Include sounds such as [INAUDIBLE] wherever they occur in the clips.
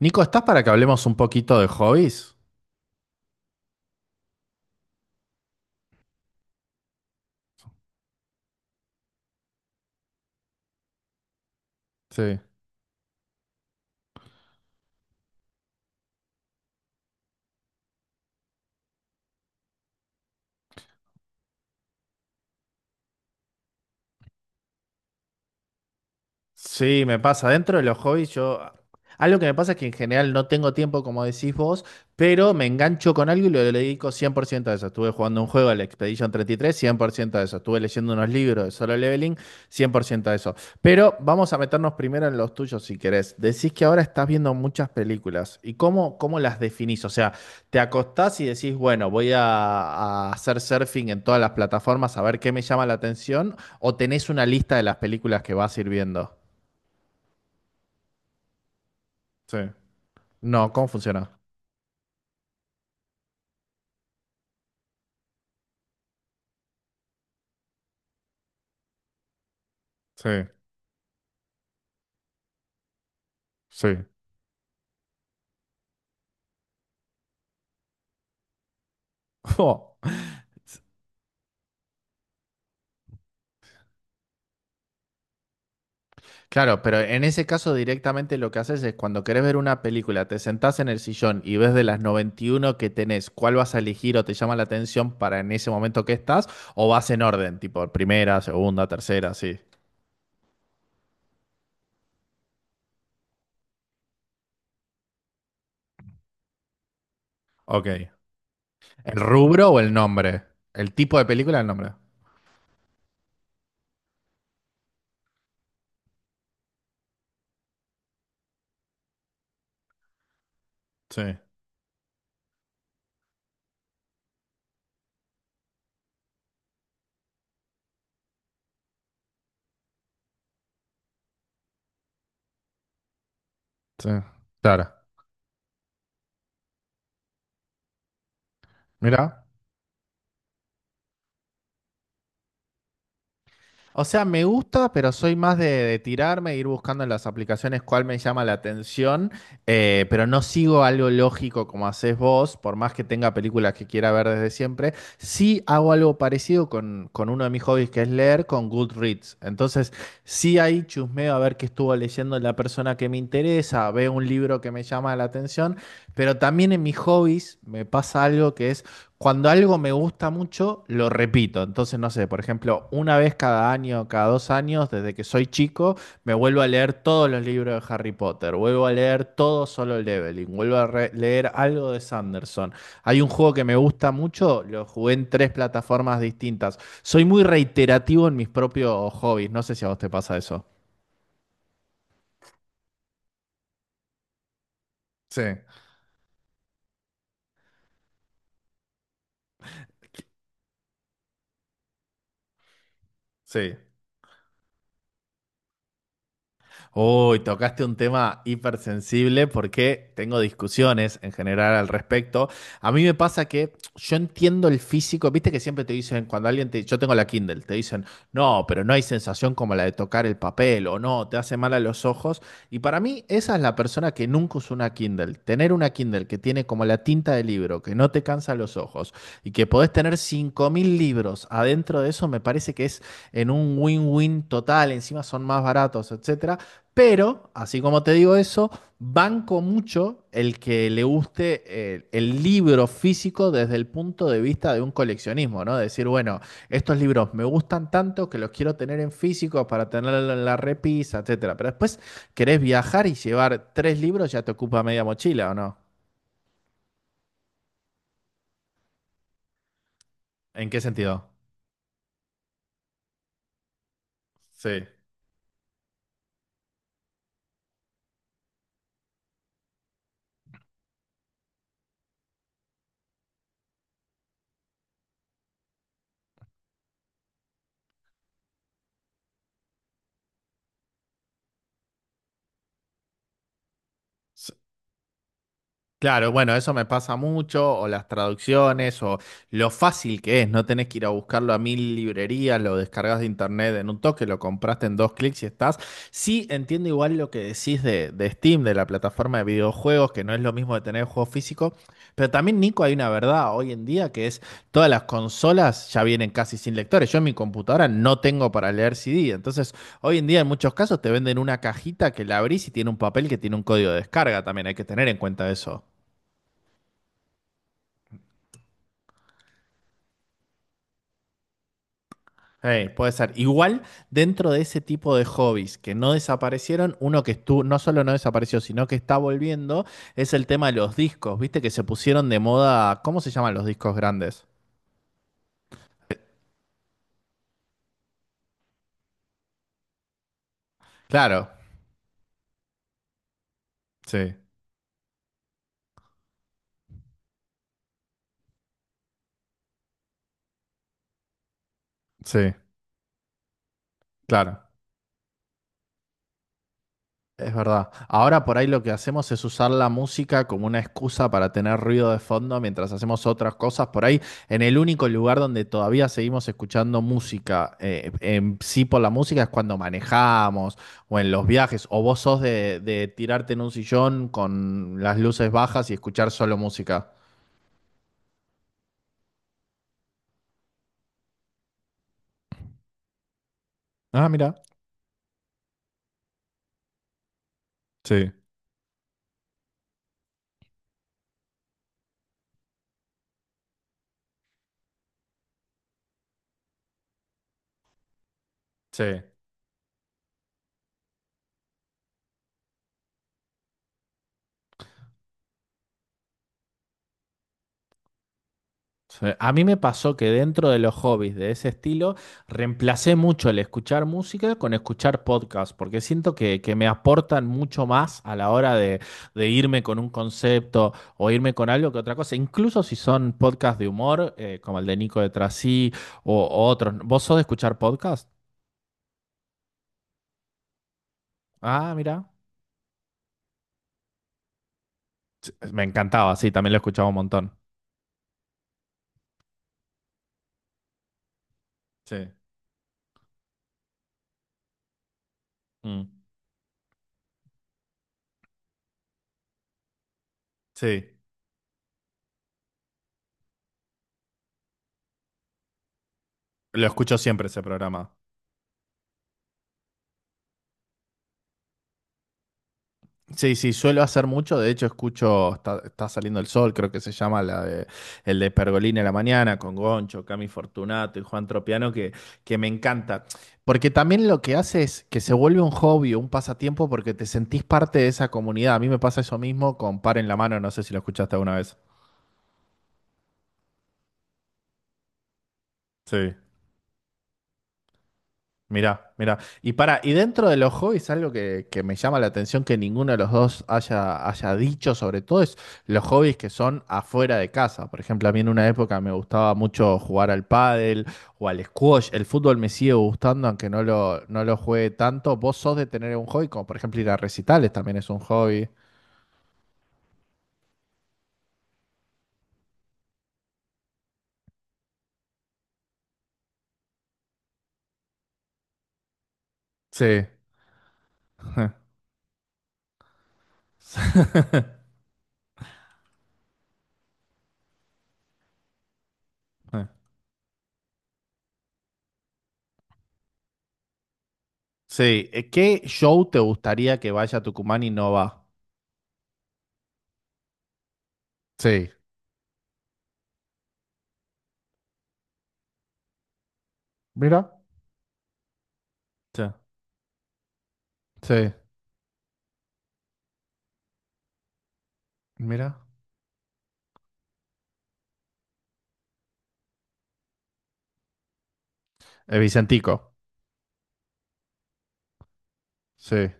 Nico, ¿estás para que hablemos un poquito de hobbies? Sí. Sí, me pasa. Dentro de los hobbies, yo. Algo que me pasa es que en general no tengo tiempo, como decís vos, pero me engancho con algo y lo dedico 100% a eso. Estuve jugando un juego, el Expedition 33, 100% a eso. Estuve leyendo unos libros de Solo Leveling, 100% a eso. Pero vamos a meternos primero en los tuyos, si querés. Decís que ahora estás viendo muchas películas. ¿Y cómo las definís? O sea, te acostás y decís, bueno, voy a hacer surfing en todas las plataformas a ver qué me llama la atención, o tenés una lista de las películas que vas a ir viendo. Sí. No, ¿cómo funciona? Sí, sí. [LAUGHS] Oh, claro, pero en ese caso directamente lo que haces es cuando querés ver una película, te sentás en el sillón y ves de las 91 que tenés, cuál vas a elegir o te llama la atención para en ese momento que estás, o vas en orden, tipo primera, segunda, tercera, sí. Ok. ¿El rubro o el nombre? ¿El tipo de película o el nombre? Sí, sí. Claro. Mira. O sea, me gusta, pero soy más de, tirarme, e ir buscando en las aplicaciones cuál me llama la atención, pero no sigo algo lógico como haces vos, por más que tenga películas que quiera ver desde siempre. Sí hago algo parecido con uno de mis hobbies, que es leer, con Goodreads. Entonces, sí ahí chusmeo a ver qué estuvo leyendo la persona que me interesa, veo un libro que me llama la atención, pero también en mis hobbies me pasa algo que es. Cuando algo me gusta mucho, lo repito. Entonces, no sé, por ejemplo, una vez cada año, cada dos años, desde que soy chico, me vuelvo a leer todos los libros de Harry Potter, vuelvo a leer todo Solo Leveling, vuelvo a leer algo de Sanderson. Hay un juego que me gusta mucho, lo jugué en tres plataformas distintas. Soy muy reiterativo en mis propios hobbies, no sé si a vos te pasa eso. Sí, sí. Uy, tocaste un tema hipersensible porque tengo discusiones en general al respecto. A mí me pasa que yo entiendo el físico, viste que siempre te dicen, cuando alguien te, yo tengo la Kindle, te dicen, no, pero no hay sensación como la de tocar el papel o no, te hace mal a los ojos. Y para mí esa es la persona que nunca usó una Kindle. Tener una Kindle que tiene como la tinta de libro, que no te cansa los ojos y que podés tener 5.000 libros adentro de eso, me parece que es en un win-win total, encima son más baratos, etcétera. Pero, así como te digo eso, banco mucho el que le guste el libro físico desde el punto de vista de un coleccionismo, ¿no? Decir, bueno, estos libros me gustan tanto que los quiero tener en físico para tenerlo en la repisa, etcétera. Pero después querés viajar y llevar tres libros, ya te ocupa media mochila, ¿o no? ¿En qué sentido? Sí. Claro, bueno, eso me pasa mucho, o las traducciones, o lo fácil que es, no tenés que ir a buscarlo a mil librerías, lo descargas de internet en un toque, lo compraste en dos clics y estás. Sí, entiendo igual lo que decís de, Steam, de la plataforma de videojuegos, que no es lo mismo de tener el juego físico, pero también, Nico, hay una verdad hoy en día que es todas las consolas ya vienen casi sin lectores. Yo en mi computadora no tengo para leer CD, entonces hoy en día en muchos casos te venden una cajita que la abrís y tiene un papel que tiene un código de descarga también, hay que tener en cuenta eso. Hey, puede ser. Igual dentro de ese tipo de hobbies que no desaparecieron, uno que estuvo, no solo no desapareció, sino que está volviendo, es el tema de los discos. Viste que se pusieron de moda. ¿Cómo se llaman los discos grandes? Claro, sí, sí, claro. Es verdad. Ahora por ahí lo que hacemos es usar la música como una excusa para tener ruido de fondo mientras hacemos otras cosas. Por ahí, en el único lugar donde todavía seguimos escuchando música, en sí por la música, es cuando manejamos o en los viajes. O vos sos de, tirarte en un sillón con las luces bajas y escuchar solo música. Ah, mira. Sí. Sí. Sí, a mí me pasó que dentro de los hobbies de ese estilo, reemplacé mucho el escuchar música con escuchar podcast, porque siento que, me aportan mucho más a la hora de irme con un concepto o irme con algo que otra cosa, incluso si son podcasts de humor, como el de Nico de Trasí o otros. ¿Vos sos de escuchar podcast? Ah, mira. Sí, me encantaba, sí, también lo escuchaba un montón. Sí, Mm. Sí. Lo escucho siempre ese programa. Sí, sí, suelo hacer mucho. De hecho, escucho Está, está saliendo el sol, creo que se llama la de, el de Pergolini a la mañana, con Goncho, Cami Fortunato y Juan Tropiano, que, me encanta. Porque también lo que hace es que se vuelve un hobby, un pasatiempo, porque te sentís parte de esa comunidad. A mí me pasa eso mismo con Par en la mano, no sé si lo escuchaste alguna vez. Sí. Mirá, mirá. Y para, y dentro de los hobbies, algo que, me llama la atención que ninguno de los dos haya dicho, sobre todo, es los hobbies que son afuera de casa. Por ejemplo, a mí en una época me gustaba mucho jugar al pádel o al squash. El fútbol me sigue gustando, aunque no lo juegue tanto. ¿Vos sos de tener un hobby? Como por ejemplo ir a recitales también es un hobby. Sí. [LAUGHS] Sí. ¿Qué show te gustaría que vaya a Tucumán y no va? Sí. Mira. Sí. Sí. Mira. Vicentico, sí,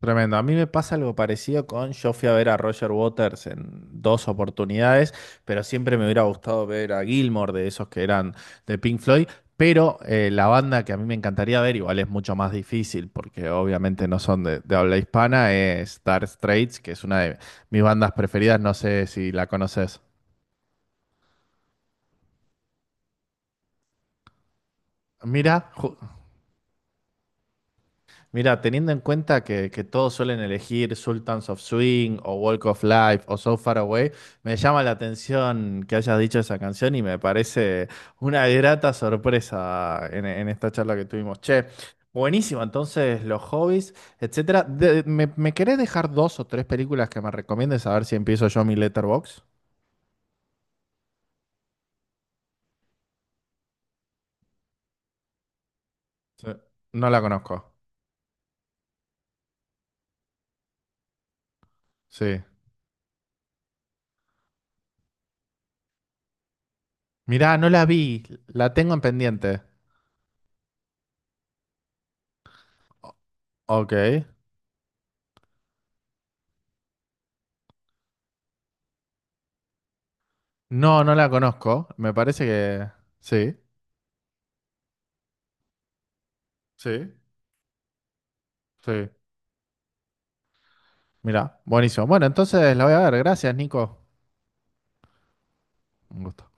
tremendo. A mí me pasa algo parecido con, yo fui a ver a Roger Waters en dos oportunidades, pero siempre me hubiera gustado ver a Gilmour, de esos que eran de Pink Floyd, pero la banda que a mí me encantaría ver, igual es mucho más difícil, porque obviamente no son de, habla hispana, es Dire Straits, que es una de mis bandas preferidas, no sé si la conoces. Mira, mira, teniendo en cuenta que todos suelen elegir Sultans of Swing o Walk of Life o So Far Away, me llama la atención que hayas dicho esa canción y me parece una grata sorpresa en esta charla que tuvimos. Che, buenísimo, entonces los hobbies, etcétera. ¿Me querés dejar dos o tres películas que me recomiendes a ver si empiezo yo mi letterbox? Sí. No la conozco. Sí. Mirá, no la vi, la tengo en pendiente. O- ok. No, no la conozco. Me parece que sí, sí, sí. Mirá, buenísimo. Bueno, entonces la voy a ver. Gracias, Nico. Un gusto.